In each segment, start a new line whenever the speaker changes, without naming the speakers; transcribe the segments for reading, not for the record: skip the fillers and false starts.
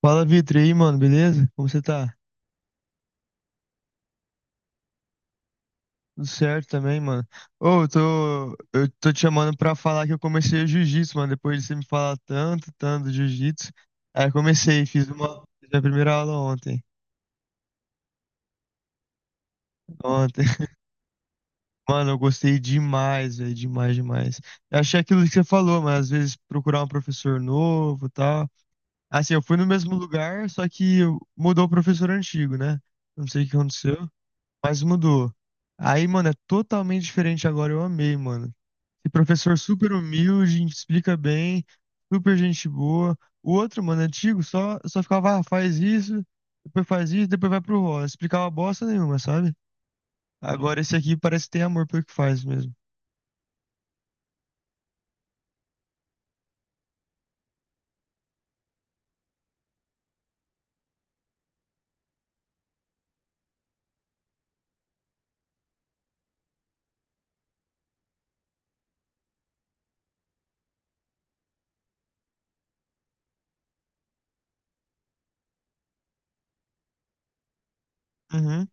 Fala, Vitor, e aí, mano, beleza? Como você tá? Tudo certo também, mano. Ô, eu tô te chamando pra falar que eu comecei o jiu-jitsu, mano. Depois de você me falar tanto, tanto do jiu-jitsu. Aí eu comecei, fiz uma, Fiz minha primeira aula ontem. Ontem. Mano, eu gostei demais, velho, demais, demais. Eu achei aquilo que você falou, mas às vezes procurar um professor novo e tal. Assim, eu fui no mesmo lugar, só que mudou o professor antigo, né? Não sei o que aconteceu. Mas mudou. Aí, mano, é totalmente diferente agora. Eu amei, mano. E professor super humilde, explica bem, super gente boa. O outro, mano, antigo, só ficava, ah, faz isso, depois vai pro rolo. Explicava bosta nenhuma, sabe? Agora esse aqui parece que tem amor pelo que faz mesmo. Uhum.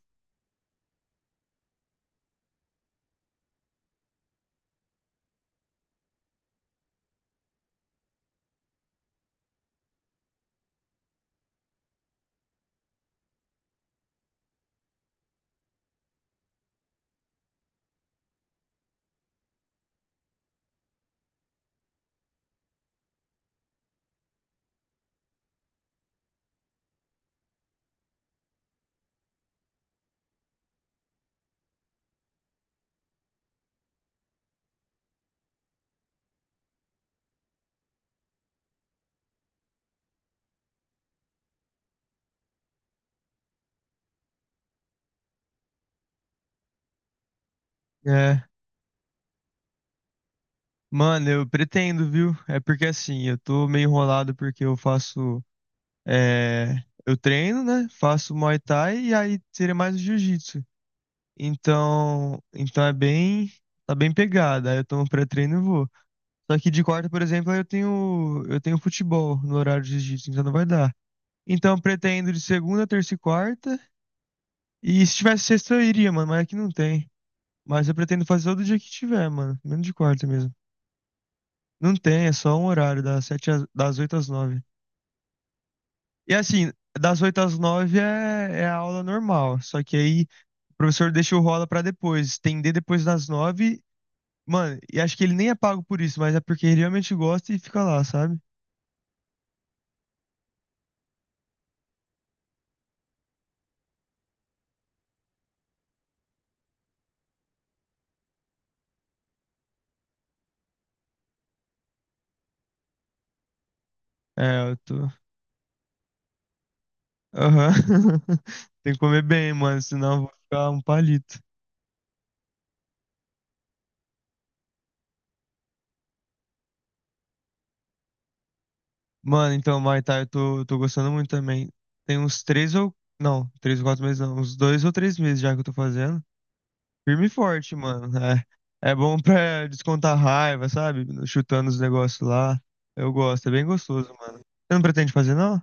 É. Mano, eu pretendo, viu? É porque assim, eu tô meio enrolado porque eu faço. Eu treino, né? Faço Muay Thai e aí seria mais o jiu-jitsu. Então é bem, tá bem pegada. Aí eu tomo pré-treino e vou. Só que de quarta, por exemplo, eu tenho futebol no horário de jiu-jitsu, então não vai dar. Então, pretendo de segunda, terça e quarta. E se tivesse sexta, eu iria, mano, mas aqui não tem. Mas eu pretendo fazer todo dia que tiver, mano, menos de quarta mesmo. Não tem, é só um horário, das 8 às 9. E assim, das 8 às 9 é a aula normal, só que aí o professor deixa o rola pra depois, estender depois das 9. Mano, e acho que ele nem é pago por isso, mas é porque ele realmente gosta e fica lá, sabe? É, eu tô. Aham. Tem que comer bem, mano, senão eu vou ficar um palito. Mano, então, Muay Thai, eu tô gostando muito também. Tem uns três ou. Não, três ou quatro meses não. Uns dois ou três meses já que eu tô fazendo. Firme e forte, mano. É, é bom pra descontar raiva, sabe? Chutando os negócios lá. Eu gosto, é bem gostoso, mano. Você não pretende fazer, não?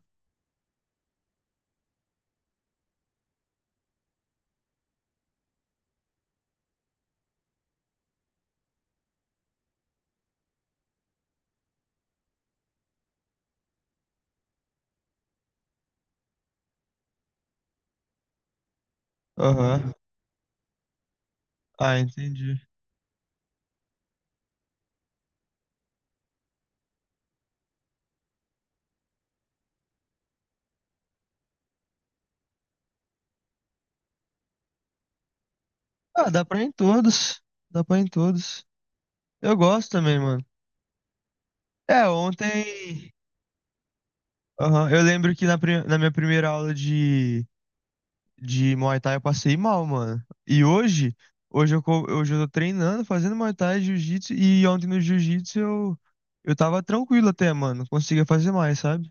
Aham. Ah, entendi. Ah, dá pra ir em todos. Dá pra ir em todos. Eu gosto também, mano. É, ontem. Aham, eu lembro que na minha primeira aula de Muay Thai eu passei mal, mano. E hoje, hoje eu tô treinando, fazendo Muay Thai, Jiu-Jitsu. E ontem no Jiu-Jitsu eu tava tranquilo até, mano. Conseguia fazer mais, sabe?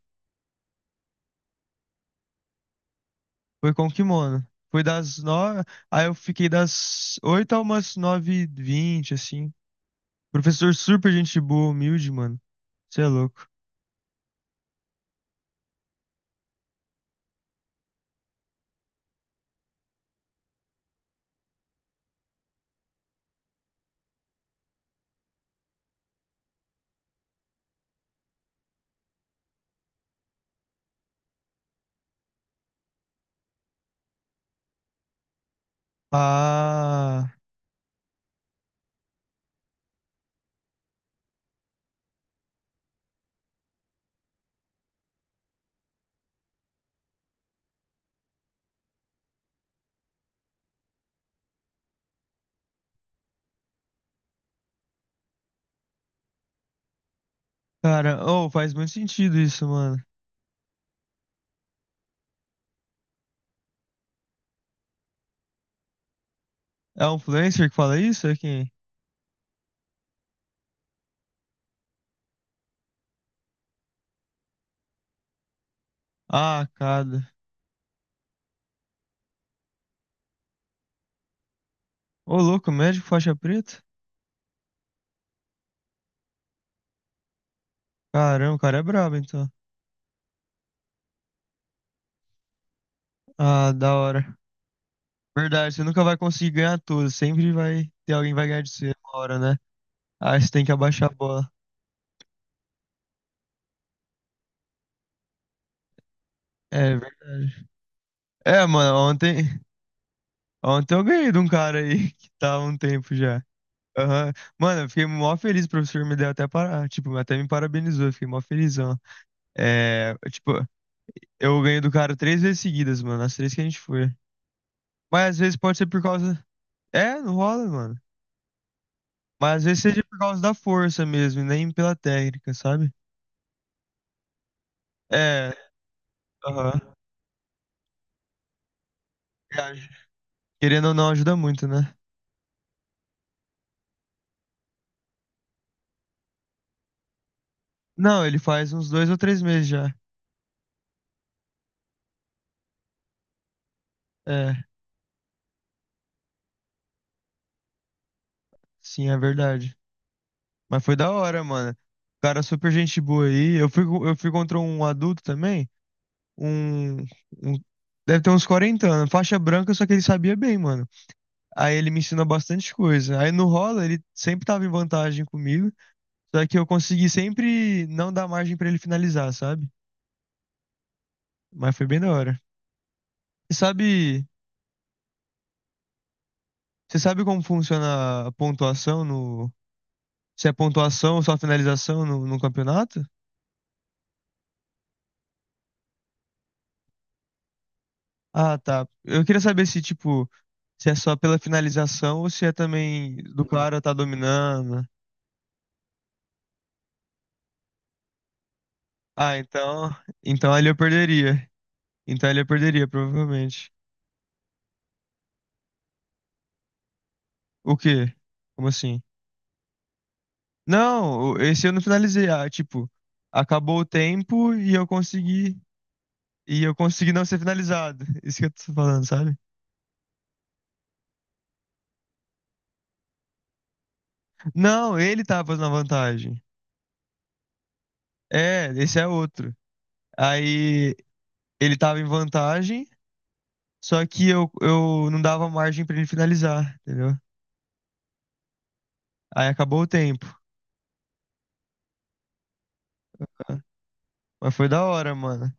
Foi com kimono. Foi das nove. Aí eu fiquei das oito a umas nove e vinte, assim. Professor super gente boa, humilde, mano. Você é louco. Ah, cara, oh, faz muito sentido isso, mano. É um influencer que fala isso? É quem? Ah, cada. Ô, louco, médico faixa preta? Caramba, o cara é brabo, então. Ah, da hora. Verdade, você nunca vai conseguir ganhar tudo. Sempre vai ter alguém que vai ganhar de você uma hora, né? Aí você tem que abaixar a bola. É verdade. É, mano, ontem eu ganhei de um cara aí que tava há um tempo já. Aham. Mano, eu fiquei mó feliz, o professor me deu até para, tipo, até me parabenizou, eu fiquei mó felizão. É, tipo, Eu ganhei do cara três vezes seguidas, mano. As três que a gente foi. Mas às vezes pode ser por causa. É, não rola, mano. Mas às vezes seja por causa da força mesmo, e nem pela técnica, sabe? É, aham. É, aj- Querendo ou não, ajuda muito, né? Não, ele faz uns dois ou três meses já. É, sim, é verdade. Mas foi da hora, mano. O cara super gente boa aí. Eu fui contra um adulto também. Um, um- Deve ter uns 40 anos. Faixa branca, só que ele sabia bem, mano. Aí ele me ensinou bastante coisa. Aí no rola, ele sempre tava em vantagem comigo, só que eu consegui sempre não dar margem pra ele finalizar, sabe? Mas foi bem da hora. E sabe, você sabe como funciona a pontuação no, se é pontuação ou só finalização no campeonato? Ah, tá. Eu queria saber se, tipo, se é só pela finalização ou se é também do cara tá dominando. Ah, então, então ali eu perderia. Então ali eu perderia, provavelmente. O quê? Como assim? Esse eu não finalizei. Acabou o tempo e eu consegui. E eu consegui não ser finalizado. Isso que eu tô falando, sabe? Não, ele tava na vantagem. É, esse é outro. Aí ele tava em vantagem, só que eu não dava margem pra ele finalizar, entendeu? Aí acabou o tempo, cara. Mas foi da hora, mano.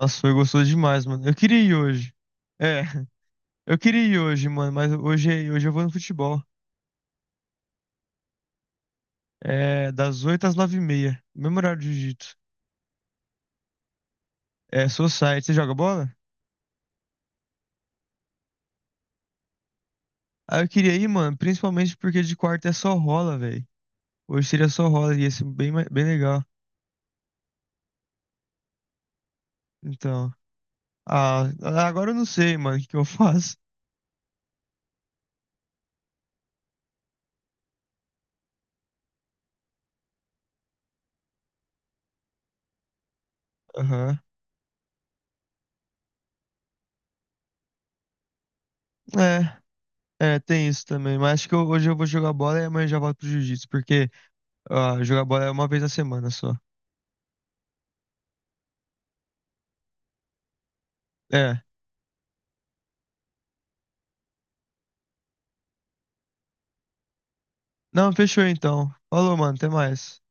Nossa, foi gostoso demais, mano. Eu queria ir hoje. É, eu queria ir hoje, mano, mas hoje eu vou no futebol. É, das 8 às nove h 30 Mesmo horário de jiu-jitsu. É, Society. Você joga bola? Ah, eu queria ir, mano. Principalmente porque de quarta é só rola, velho. Hoje seria só rola. E ia ser bem legal. Então. Ah, agora eu não sei, mano, o que que eu faço. Aham. É. É, tem isso também. Mas acho que hoje eu vou jogar bola e amanhã eu já volto pro jiu-jitsu. Porque ah, jogar bola é uma vez na semana só. É. Não, fechou então. Falou, mano. Até mais.